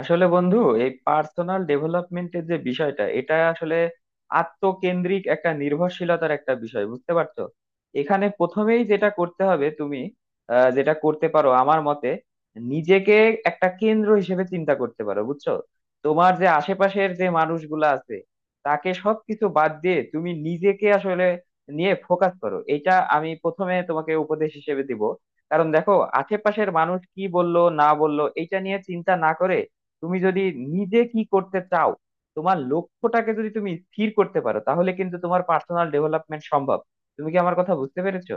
আসলে বন্ধু, এই পার্সোনাল ডেভেলপমেন্টের যে বিষয়টা, এটা আসলে আত্মকেন্দ্রিক একটা নির্ভরশীলতার একটা বিষয়, বুঝতে পারছো। এখানে প্রথমেই যেটা করতে হবে তুমি যেটা করতে পারো আমার মতে, নিজেকে একটা কেন্দ্র হিসেবে চিন্তা করতে পারো, বুঝছো। তোমার যে আশেপাশের যে মানুষগুলো আছে তাকে সবকিছু বাদ দিয়ে তুমি নিজেকে আসলে নিয়ে ফোকাস করো, এটা আমি প্রথমে তোমাকে উপদেশ হিসেবে দিব। কারণ দেখো, আশেপাশের মানুষ কি বললো না বললো এটা নিয়ে চিন্তা না করে তুমি যদি নিজে কি করতে চাও, তোমার লক্ষ্যটাকে যদি তুমি স্থির করতে পারো, তাহলে কিন্তু তোমার পার্সোনাল ডেভেলপমেন্ট সম্ভব। তুমি কি আমার কথা বুঝতে পেরেছো?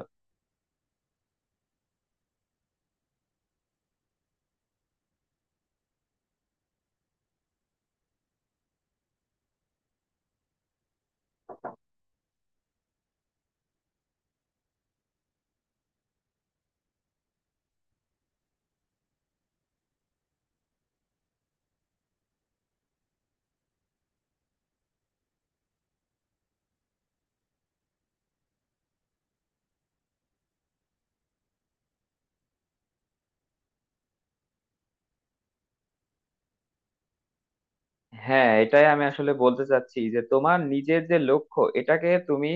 হ্যাঁ, এটাই আমি আসলে বলতে চাচ্ছি যে তোমার নিজের যে লক্ষ্য, এটাকে তুমি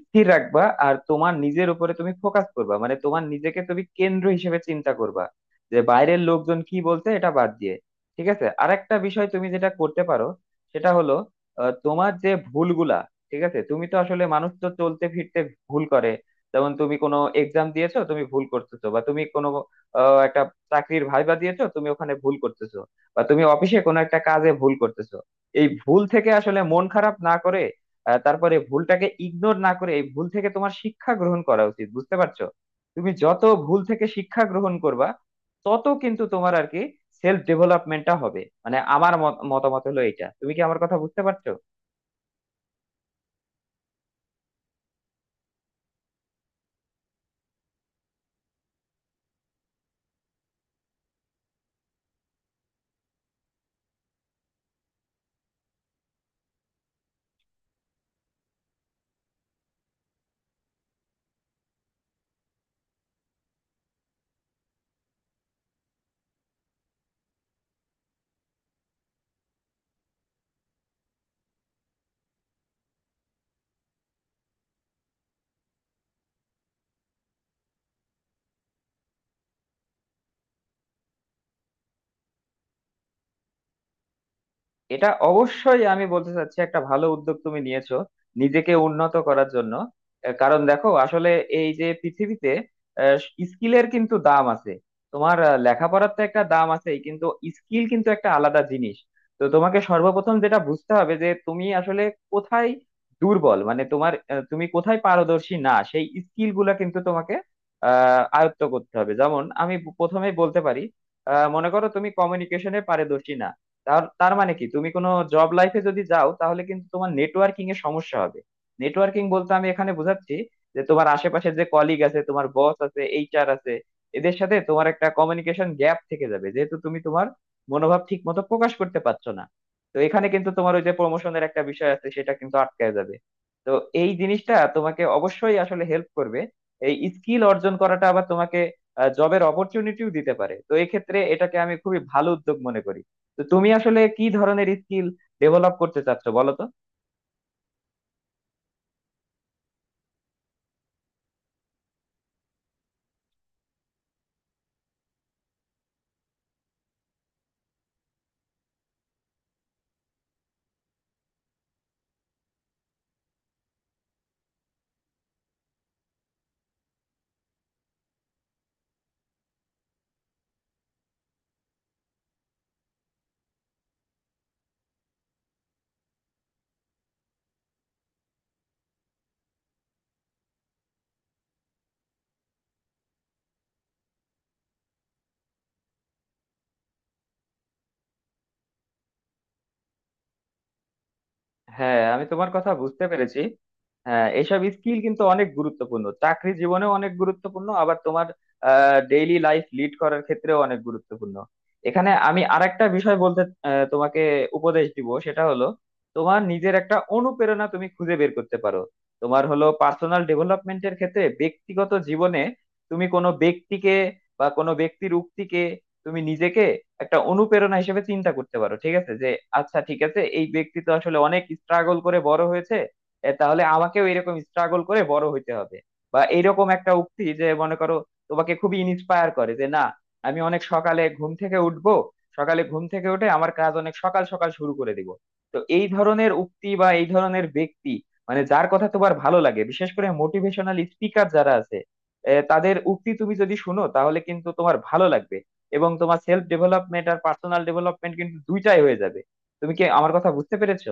স্থির রাখবা আর তোমার নিজের উপরে তুমি ফোকাস করবা, মানে তোমার নিজেকে তুমি কেন্দ্র হিসেবে চিন্তা করবা, যে বাইরের লোকজন কি বলছে এটা বাদ দিয়ে। ঠিক আছে, আরেকটা বিষয় তুমি যেটা করতে পারো সেটা হলো তোমার যে ভুলগুলা। ঠিক আছে, তুমি তো আসলে মানুষ, তো চলতে ফিরতে ভুল করে। যেমন তুমি কোনো এক্সাম দিয়েছো, তুমি ভুল করতেছো, বা তুমি কোনো একটা চাকরির ভাইবা দিয়েছো, তুমি ওখানে ভুল করতেছো, বা তুমি অফিসে কোনো একটা কাজে ভুল করতেছো। এই ভুল থেকে আসলে মন খারাপ না করে, তারপরে ভুলটাকে ইগনোর না করে এই ভুল থেকে তোমার শিক্ষা গ্রহণ করা উচিত, বুঝতে পারছো। তুমি যত ভুল থেকে শিক্ষা গ্রহণ করবা, তত কিন্তু তোমার আর কি সেলফ ডেভেলপমেন্টটা হবে, মানে আমার মতামত হলো এটা। তুমি কি আমার কথা বুঝতে পারছো? এটা অবশ্যই আমি বলতে চাচ্ছি, একটা ভালো উদ্যোগ তুমি নিয়েছো নিজেকে উন্নত করার জন্য। কারণ দেখো, আসলে এই যে পৃথিবীতে স্কিলের কিন্তু দাম আছে। তোমার লেখাপড়ার তো একটা দাম আছেই, কিন্তু স্কিল কিন্তু একটা আলাদা জিনিস। তো তোমাকে সর্বপ্রথম যেটা বুঝতে হবে যে তুমি আসলে কোথায় দুর্বল, মানে তোমার তুমি কোথায় পারদর্শী না, সেই স্কিল গুলা কিন্তু তোমাকে আয়ত্ত করতে হবে। যেমন আমি প্রথমেই বলতে পারি, মনে করো তুমি কমিউনিকেশনে পারদর্শী না। তার তার মানে কি, তুমি কোনো জব লাইফে যদি যাও তাহলে কিন্তু তোমার নেটওয়ার্কিং এ সমস্যা হবে। নেটওয়ার্কিং বলতে আমি এখানে বোঝাচ্ছি যে তোমার আশেপাশে যে কলিগ আছে, তোমার বস আছে, এইচআর আছে, এদের সাথে তোমার একটা কমিউনিকেশন গ্যাপ থেকে যাবে, যেহেতু তুমি তোমার মনোভাব ঠিক মতো প্রকাশ করতে পারছো না। তো এখানে কিন্তু তোমার ওই যে প্রমোশনের একটা বিষয় আছে, সেটা কিন্তু আটকায় যাবে। তো এই জিনিসটা তোমাকে অবশ্যই আসলে হেল্প করবে, এই স্কিল অর্জন করাটা। আবার তোমাকে জবের অপরচুনিটিও দিতে পারে, তো এক্ষেত্রে এটাকে আমি খুবই ভালো উদ্যোগ মনে করি। তো তুমি আসলে কি ধরনের স্কিল ডেভেলপ করতে চাচ্ছো বলো তো? হ্যাঁ, আমি তোমার কথা বুঝতে পেরেছি। হ্যাঁ, এইসব স্কিল কিন্তু অনেক গুরুত্বপূর্ণ, চাকরি জীবনেও অনেক গুরুত্বপূর্ণ, আবার তোমার ডেইলি লাইফ লিড করার ক্ষেত্রেও অনেক গুরুত্বপূর্ণ। এখানে আমি আরেকটা বিষয় বলতে তোমাকে উপদেশ দিব, সেটা হলো তোমার নিজের একটা অনুপ্রেরণা তুমি খুঁজে বের করতে পারো। তোমার হলো পার্সোনাল ডেভেলপমেন্টের ক্ষেত্রে ব্যক্তিগত জীবনে তুমি কোনো ব্যক্তিকে বা কোনো ব্যক্তির উক্তিকে তুমি নিজেকে একটা অনুপ্রেরণা হিসেবে চিন্তা করতে পারো, ঠিক আছে। যে আচ্ছা, ঠিক আছে, এই ব্যক্তি তো আসলে অনেক স্ট্রাগল করে বড় হয়েছে, এ তাহলে আমাকেও এরকম স্ট্রাগল করে বড় হইতে হবে। বা এইরকম একটা উক্তি যে, মনে করো, তোমাকে খুবই ইন্সপায়ার করে যে না, আমি অনেক সকালে ঘুম থেকে উঠবো, সকালে ঘুম থেকে উঠে আমার কাজ অনেক সকাল সকাল শুরু করে দিব। তো এই ধরনের উক্তি বা এই ধরনের ব্যক্তি, মানে যার কথা তোমার ভালো লাগে, বিশেষ করে মোটিভেশনাল স্পিকার যারা আছে তাদের উক্তি তুমি যদি শুনো তাহলে কিন্তু তোমার ভালো লাগবে, এবং তোমার সেলফ ডেভেলপমেন্ট আর পার্সোনাল ডেভেলপমেন্ট কিন্তু দুইটাই হয়ে যাবে। তুমি কি আমার কথা বুঝতে পেরেছো?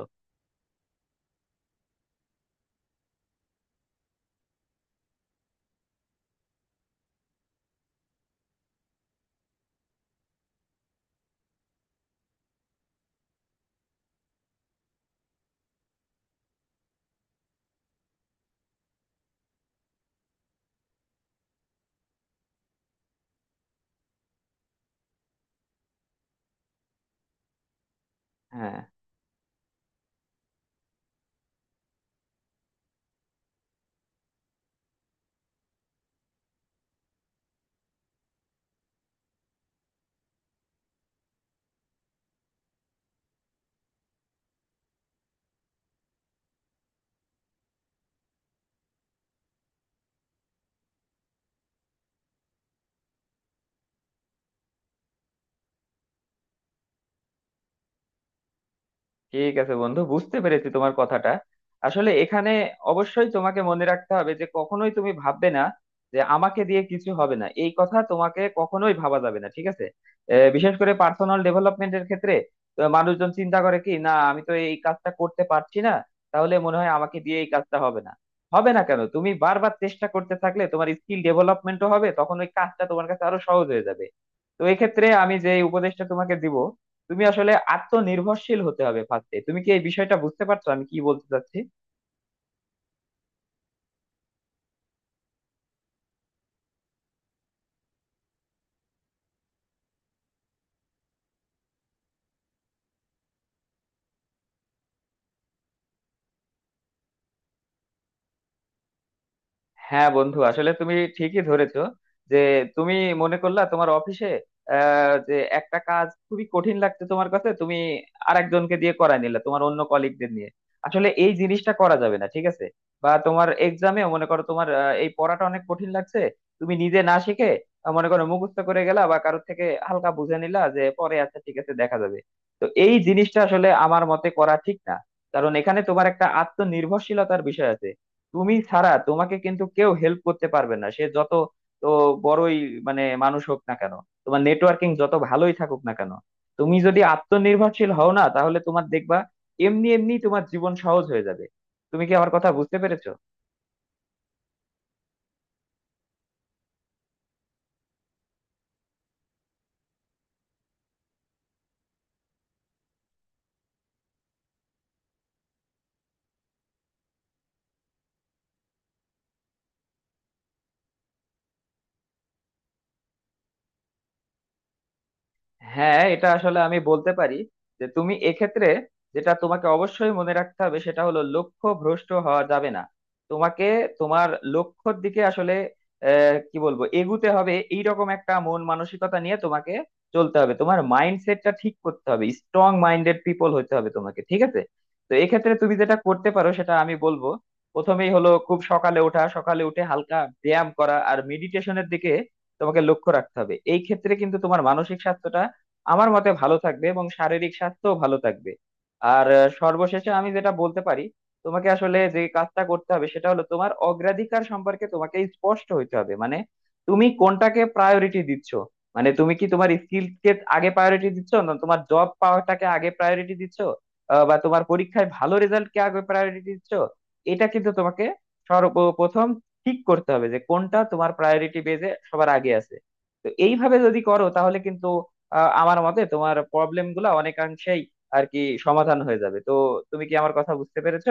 হ্যাঁ, ঠিক আছে বন্ধু, বুঝতে পেরেছি তোমার কথাটা। আসলে এখানে অবশ্যই তোমাকে মনে রাখতে হবে যে কখনোই তুমি ভাববে না যে আমাকে দিয়ে কিছু হবে না, এই কথা তোমাকে কখনোই ভাবা যাবে না, ঠিক আছে। বিশেষ করে পার্সোনাল ডেভেলপমেন্টের ক্ষেত্রে। তো মানুষজন চিন্তা করে কি না, আমি তো এই কাজটা করতে পারছি না, তাহলে মনে হয় আমাকে দিয়ে এই কাজটা হবে না। হবে না কেন? তুমি বারবার চেষ্টা করতে থাকলে তোমার স্কিল ডেভেলপমেন্টও হবে, তখন ওই কাজটা তোমার কাছে আরো সহজ হয়ে যাবে। তো এক্ষেত্রে আমি যে উপদেশটা তোমাকে দিব, তুমি আসলে আত্মনির্ভরশীল হতে হবে ফার্স্টে। তুমি কি এই বিষয়টা বুঝতে পারছো আমি কি বলতে চাচ্ছি? হ্যাঁ বন্ধু, আসলে তুমি ঠিকই ধরেছো। যে তুমি মনে করলা তোমার অফিসে যে একটা কাজ খুবই কঠিন লাগছে তোমার কাছে, তুমি আরেকজনকে দিয়ে করায় নিলে তোমার অন্য কলিগদের নিয়ে, আসলে এই জিনিসটা করা যাবে না, ঠিক আছে। বা তোমার এক্সামে মনে করো তোমার এই পড়াটা অনেক কঠিন লাগছে, তুমি নিজে না শিখে মনে করো মুখস্থ করে গেলা বা কারোর থেকে হালকা বুঝে নিলা যে পরে আচ্ছা ঠিক আছে দেখা যাবে। তো এই জিনিসটা আসলে আমার মতে করা ঠিক না, কারণ এখানে তোমার একটা আত্মনির্ভরশীলতার বিষয় আছে। তুমি ছাড়া তোমাকে কিন্তু কেউ হেল্প করতে পারবে না, সে যত তো বড়ই মানে মানুষ হোক না কেন, তোমার নেটওয়ার্কিং যত ভালোই থাকুক না কেন, তুমি যদি আত্মনির্ভরশীল হও না, তাহলে তোমার দেখবা এমনি এমনি তোমার জীবন সহজ হয়ে যাবে। তুমি কি আমার কথা বুঝতে পেরেছো? হ্যাঁ, এটা আসলে আমি বলতে পারি যে তুমি এক্ষেত্রে যেটা তোমাকে অবশ্যই মনে রাখতে হবে সেটা হলো, লক্ষ্য ভ্রষ্ট হওয়া যাবে না। তোমাকে তোমার লক্ষ্যর দিকে আসলে কি বলবো, এগুতে হবে, এইরকম একটা মন মানসিকতা নিয়ে তোমাকে চলতে হবে। তোমার মাইন্ডসেটটা ঠিক করতে হবে, স্ট্রং মাইন্ডেড পিপল হতে হবে তোমাকে, ঠিক আছে। তো এক্ষেত্রে তুমি যেটা করতে পারো সেটা আমি বলবো, প্রথমেই হলো খুব সকালে ওঠা, সকালে উঠে হালকা ব্যায়াম করা আর মেডিটেশনের দিকে তোমাকে লক্ষ্য রাখতে হবে। এই ক্ষেত্রে কিন্তু তোমার মানসিক স্বাস্থ্যটা আমার মতে ভালো থাকবে এবং শারীরিক স্বাস্থ্য ভালো থাকবে। আর সর্বশেষে আমি যেটা বলতে পারি, তোমাকে আসলে যে কাজটা করতে হবে সেটা হলো তোমার অগ্রাধিকার সম্পর্কে তোমাকে স্পষ্ট হইতে হবে, মানে তুমি কোনটাকে প্রায়োরিটি দিচ্ছ, মানে তুমি কি তোমার স্কিলকে আগে প্রায়োরিটি দিচ্ছ, না তোমার জব পাওয়াটাকে আগে প্রায়োরিটি দিচ্ছ, বা তোমার পরীক্ষায় ভালো রেজাল্টকে আগে প্রায়োরিটি দিচ্ছ। এটা কিন্তু তোমাকে সর্বপ্রথম ঠিক করতে হবে যে কোনটা তোমার প্রায়োরিটি বেজে সবার আগে আছে। তো এইভাবে যদি করো তাহলে কিন্তু আমার মতে তোমার প্রবলেম গুলা অনেকাংশেই আর কি সমাধান হয়ে যাবে। তো তুমি কি আমার কথা বুঝতে পেরেছো?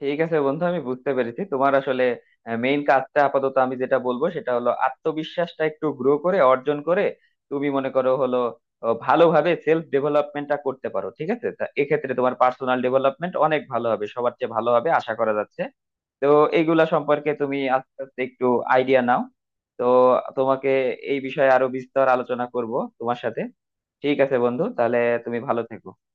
ঠিক আছে বন্ধু, আমি বুঝতে পেরেছি। তোমার আসলে মেইন কাজটা আপাতত আমি যেটা বলবো সেটা হলো আত্মবিশ্বাসটা একটু গ্রো করে, অর্জন করে তুমি মনে করো হলো ভালোভাবে সেলফ ডেভেলপমেন্টটা করতে পারো, ঠিক আছে। তা এক্ষেত্রে তোমার পার্সোনাল ডেভেলপমেন্ট অনেক ভালো হবে, সবার চেয়ে ভালো হবে আশা করা যাচ্ছে। তো এইগুলা সম্পর্কে তুমি আস্তে আস্তে একটু আইডিয়া নাও। তো তোমাকে এই বিষয়ে আরো বিস্তর আলোচনা করব তোমার সাথে। ঠিক আছে বন্ধু, তাহলে তুমি ভালো থেকো।